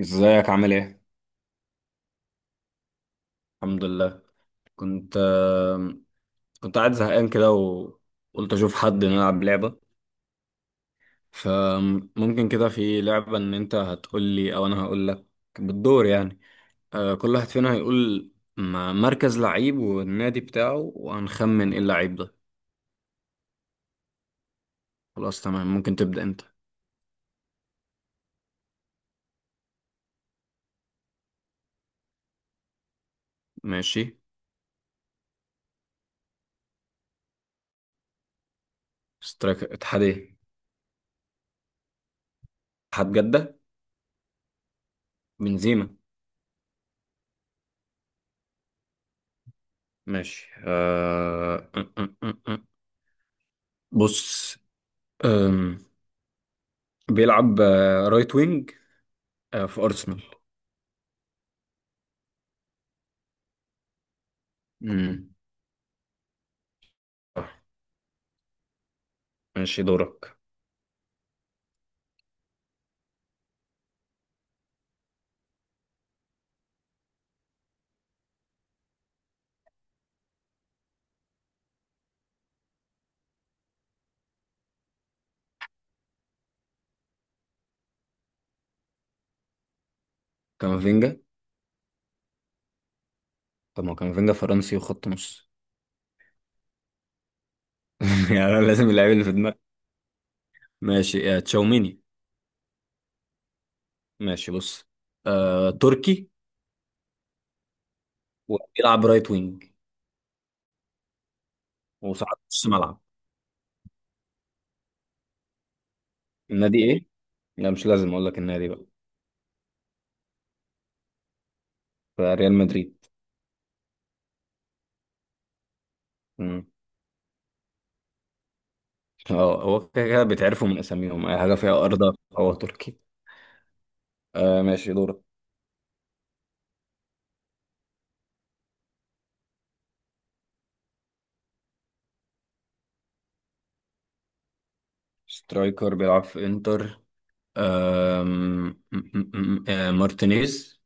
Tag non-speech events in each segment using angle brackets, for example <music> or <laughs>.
ازيك عامل ايه؟ الحمد لله. كنت كنت قاعد زهقان كده وقلت اشوف حد نلعب لعبة. فممكن كده في لعبة ان انت هتقول لي او انا هقول لك بالدور يعني. كل واحد فينا هيقول مركز لعيب والنادي بتاعه وهنخمن ايه اللعيب ده. خلاص تمام، ممكن تبدأ انت. ماشي. سترايك اتحاد ايه؟ اتحاد جدة. بنزيما. ماشي أه... أه، أه، أه، أه. بص. أم، بيلعب رايت وينج في أرسنال. امم ماشي، دورك. كامافينجا. طب ما هو كامافينجا فرنسي وخط نص. <laughs> يعني أنا لازم اللعيب اللي في دماغي. ماشي تشاوميني. ماشي بص، تركي وبيلعب رايت وينج وساعات نص ملعب. النادي ايه؟ لا مش لازم اقول لك النادي بقى. فريال مدريد. امم اه، هو كده كده بيتعرفوا من اساميهم، اي حاجه فيها ارض هو تركي. آه ماشي، دورك. سترايكر بيلعب في انتر. آم، م- م- م- آه مارتينيز.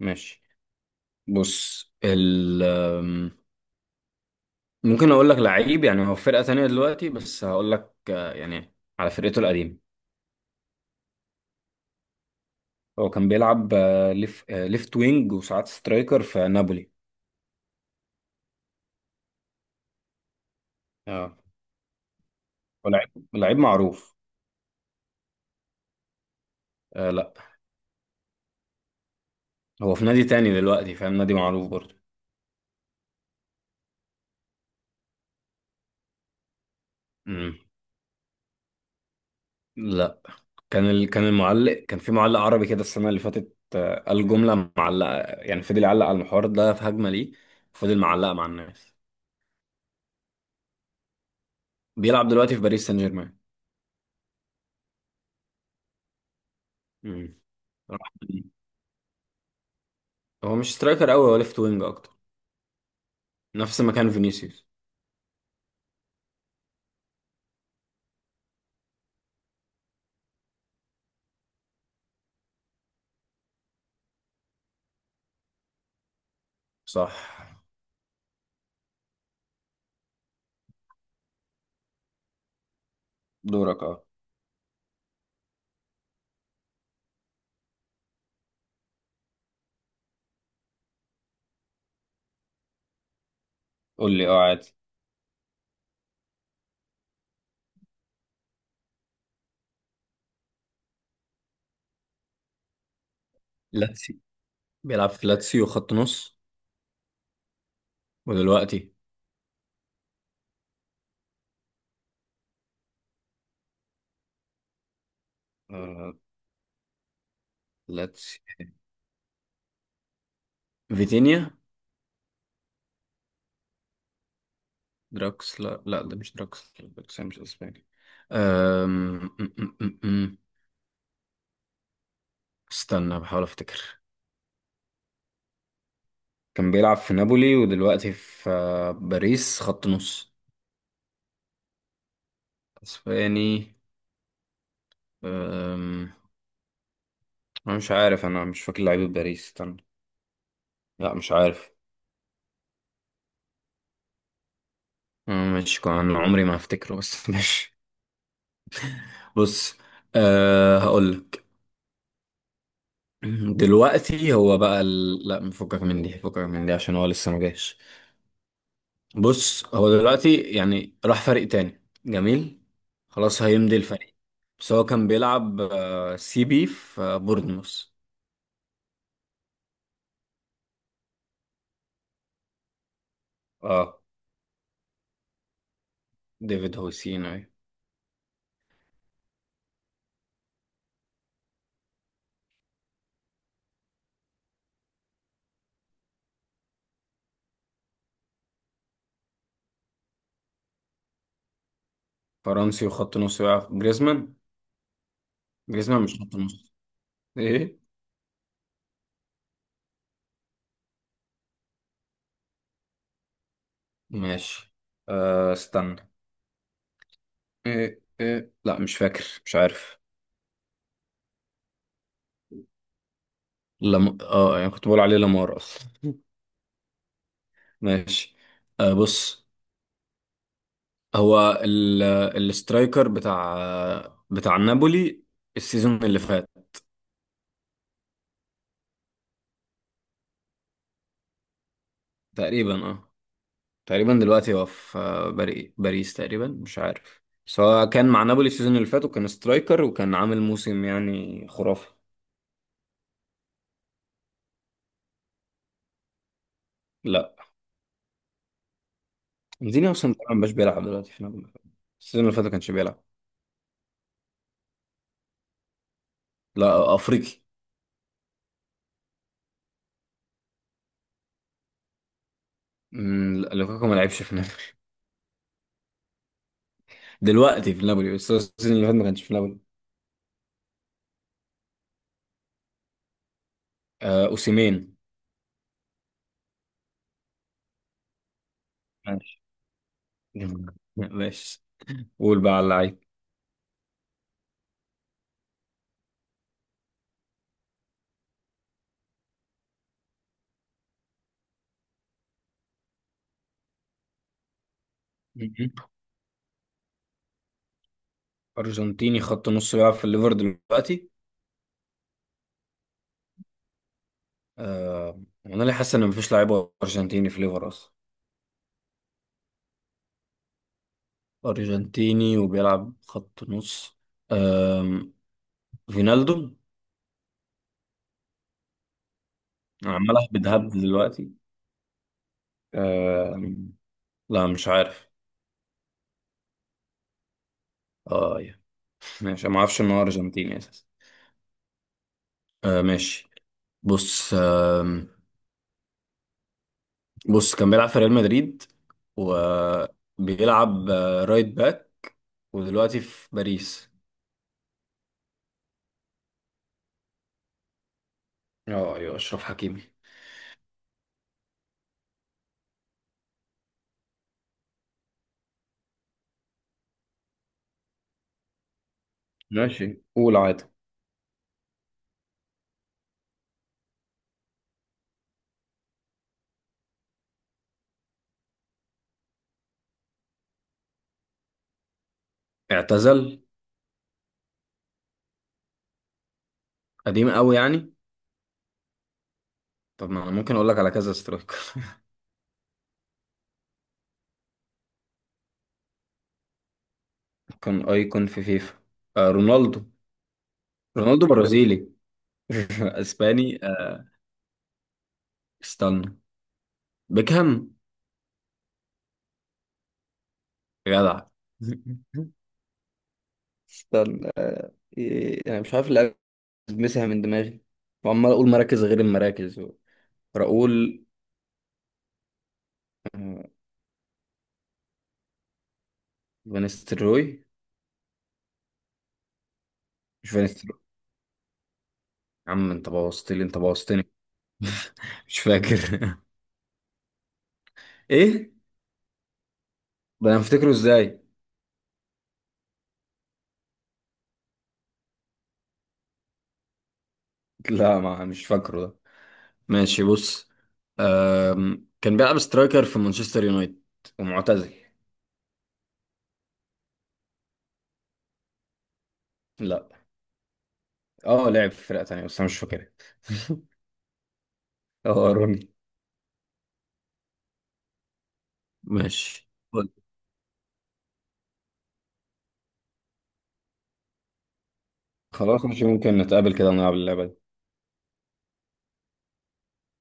ماشي بص ال آم، ممكن اقول لك لعيب يعني هو في فرقة تانية دلوقتي بس هقول لك يعني على فرقته القديمة. هو كان بيلعب ليفت وينج وساعات سترايكر في نابولي. اه هو لعيب معروف. آه لا، هو في نادي تاني دلوقتي فاهم، نادي معروف برضه. امم لا. كان المعلق، كان في معلق عربي كده السنة اللي فاتت، قال جملة معلقة يعني فضل يعلق على المحور ده في هجمة ليه، فضل معلقة مع الناس. بيلعب دلوقتي في باريس سان جيرمان. مم. راح ليه. هو مش سترايكر قوي، هو ليفت وينج اكتر، نفس مكان فينيسيوس. صح. دورك اه. قول لي اه عادي. لاتسي. بيلعب في لاتسيو خط نص. ودلوقتي آه. لاتسي. فيتينيا. دراكس، لا لا ده مش دراكس، دراكس مش اسباني. أم... أم، أم، أم. استنى بحاول افتكر. كان بيلعب في نابولي ودلوقتي في باريس، خط نص. اسباني. أم... انا مش عارف، انا مش فاكر لعيبه باريس، استنى. لا مش عارف. أنا مش كان عمري ما هفتكره بس <laughs> مش. بص، أه هقول لك. دلوقتي هو بقى لا فكك من دي، فكك من دي عشان هو لسه ما جاش. بص هو دلوقتي يعني راح فريق تاني جميل، خلاص هيمضي الفريق. بس هو كان بيلعب سي بي في بورنموث. اه، ديفيد هوسين اهي. فرنسي وخط نص بقى جريزمان. جريزمان مش خط نص. ايه. ماشي. أه استنى. إيه إيه، لا مش فاكر مش عارف. لم... اه يعني كنت بقول عليه لامار اصلا. ماشي آه بص. هو ال... الاسترايكر بتاع نابولي السيزون اللي فات. تقريبا اه. تقريبا دلوقتي هو في باريس تقريبا مش عارف. بس هو كان مع نابولي السيزون اللي فات وكان سترايكر وكان عامل موسم يعني خرافي. لا. انزيني اصلا تقريبا مش بيلعب دلوقتي في نابولي، السيزون اللي فات ما كانش بيلعب. لا افريقي. لا، لوكاكو ما لعبش في. دلوقتي في نابولي بس السيزون اللي فات ما كانش في نابولي. آه اوسيمين. ماشي. <laughs> ماشي، قول بقى على اللعيب. مهم. ارجنتيني خط نص بيلعب في الليفر دلوقتي. آه انا ليه حاسس ان مفيش لعيب ارجنتيني في الليفر اصلا. ارجنتيني وبيلعب خط نص. آم، فينالدو. أنا عمال اهبد هبد دلوقتي. آم، لا مش عارف. اه يا. ماشي، أنا ما اعرفش ان هو ارجنتيني اساسا. آه ماشي بص. آه بص، كان بيلعب في ريال مدريد وبيلعب رايت باك ودلوقتي في باريس. اه ايوه، اشرف حكيمي. ماشي، قول عادي. اعتزل. قديم قوي يعني. طب ما انا ممكن اقول لك على كذا سترايكر. <laughs> كان ايكون في فيفا. آه رونالدو. رونالدو برازيلي. <laughs> اسباني آه. استنى، بيكهام. جدع. <laughs> استنى. إيه، انا مش عارف اللي مسها من دماغي وعمال اقول مراكز غير المراكز. راؤول. آه، فان ستروي. مش فاكر. يا عم انت بوظت لي انت بوظتني. <laughs> مش فاكر. <laughs> ايه. ده انا افتكره ازاي. لا ما مش فاكره ده. ماشي بص. كان بيلعب سترايكر في مانشستر يونايتد ومعتزل. لا. اه لعب في فرقة تانية بس انا مش فاكرها. <laughs> اه روني. ماشي. خلاص مش ممكن نتقابل كده ونلعب اللعبة دي.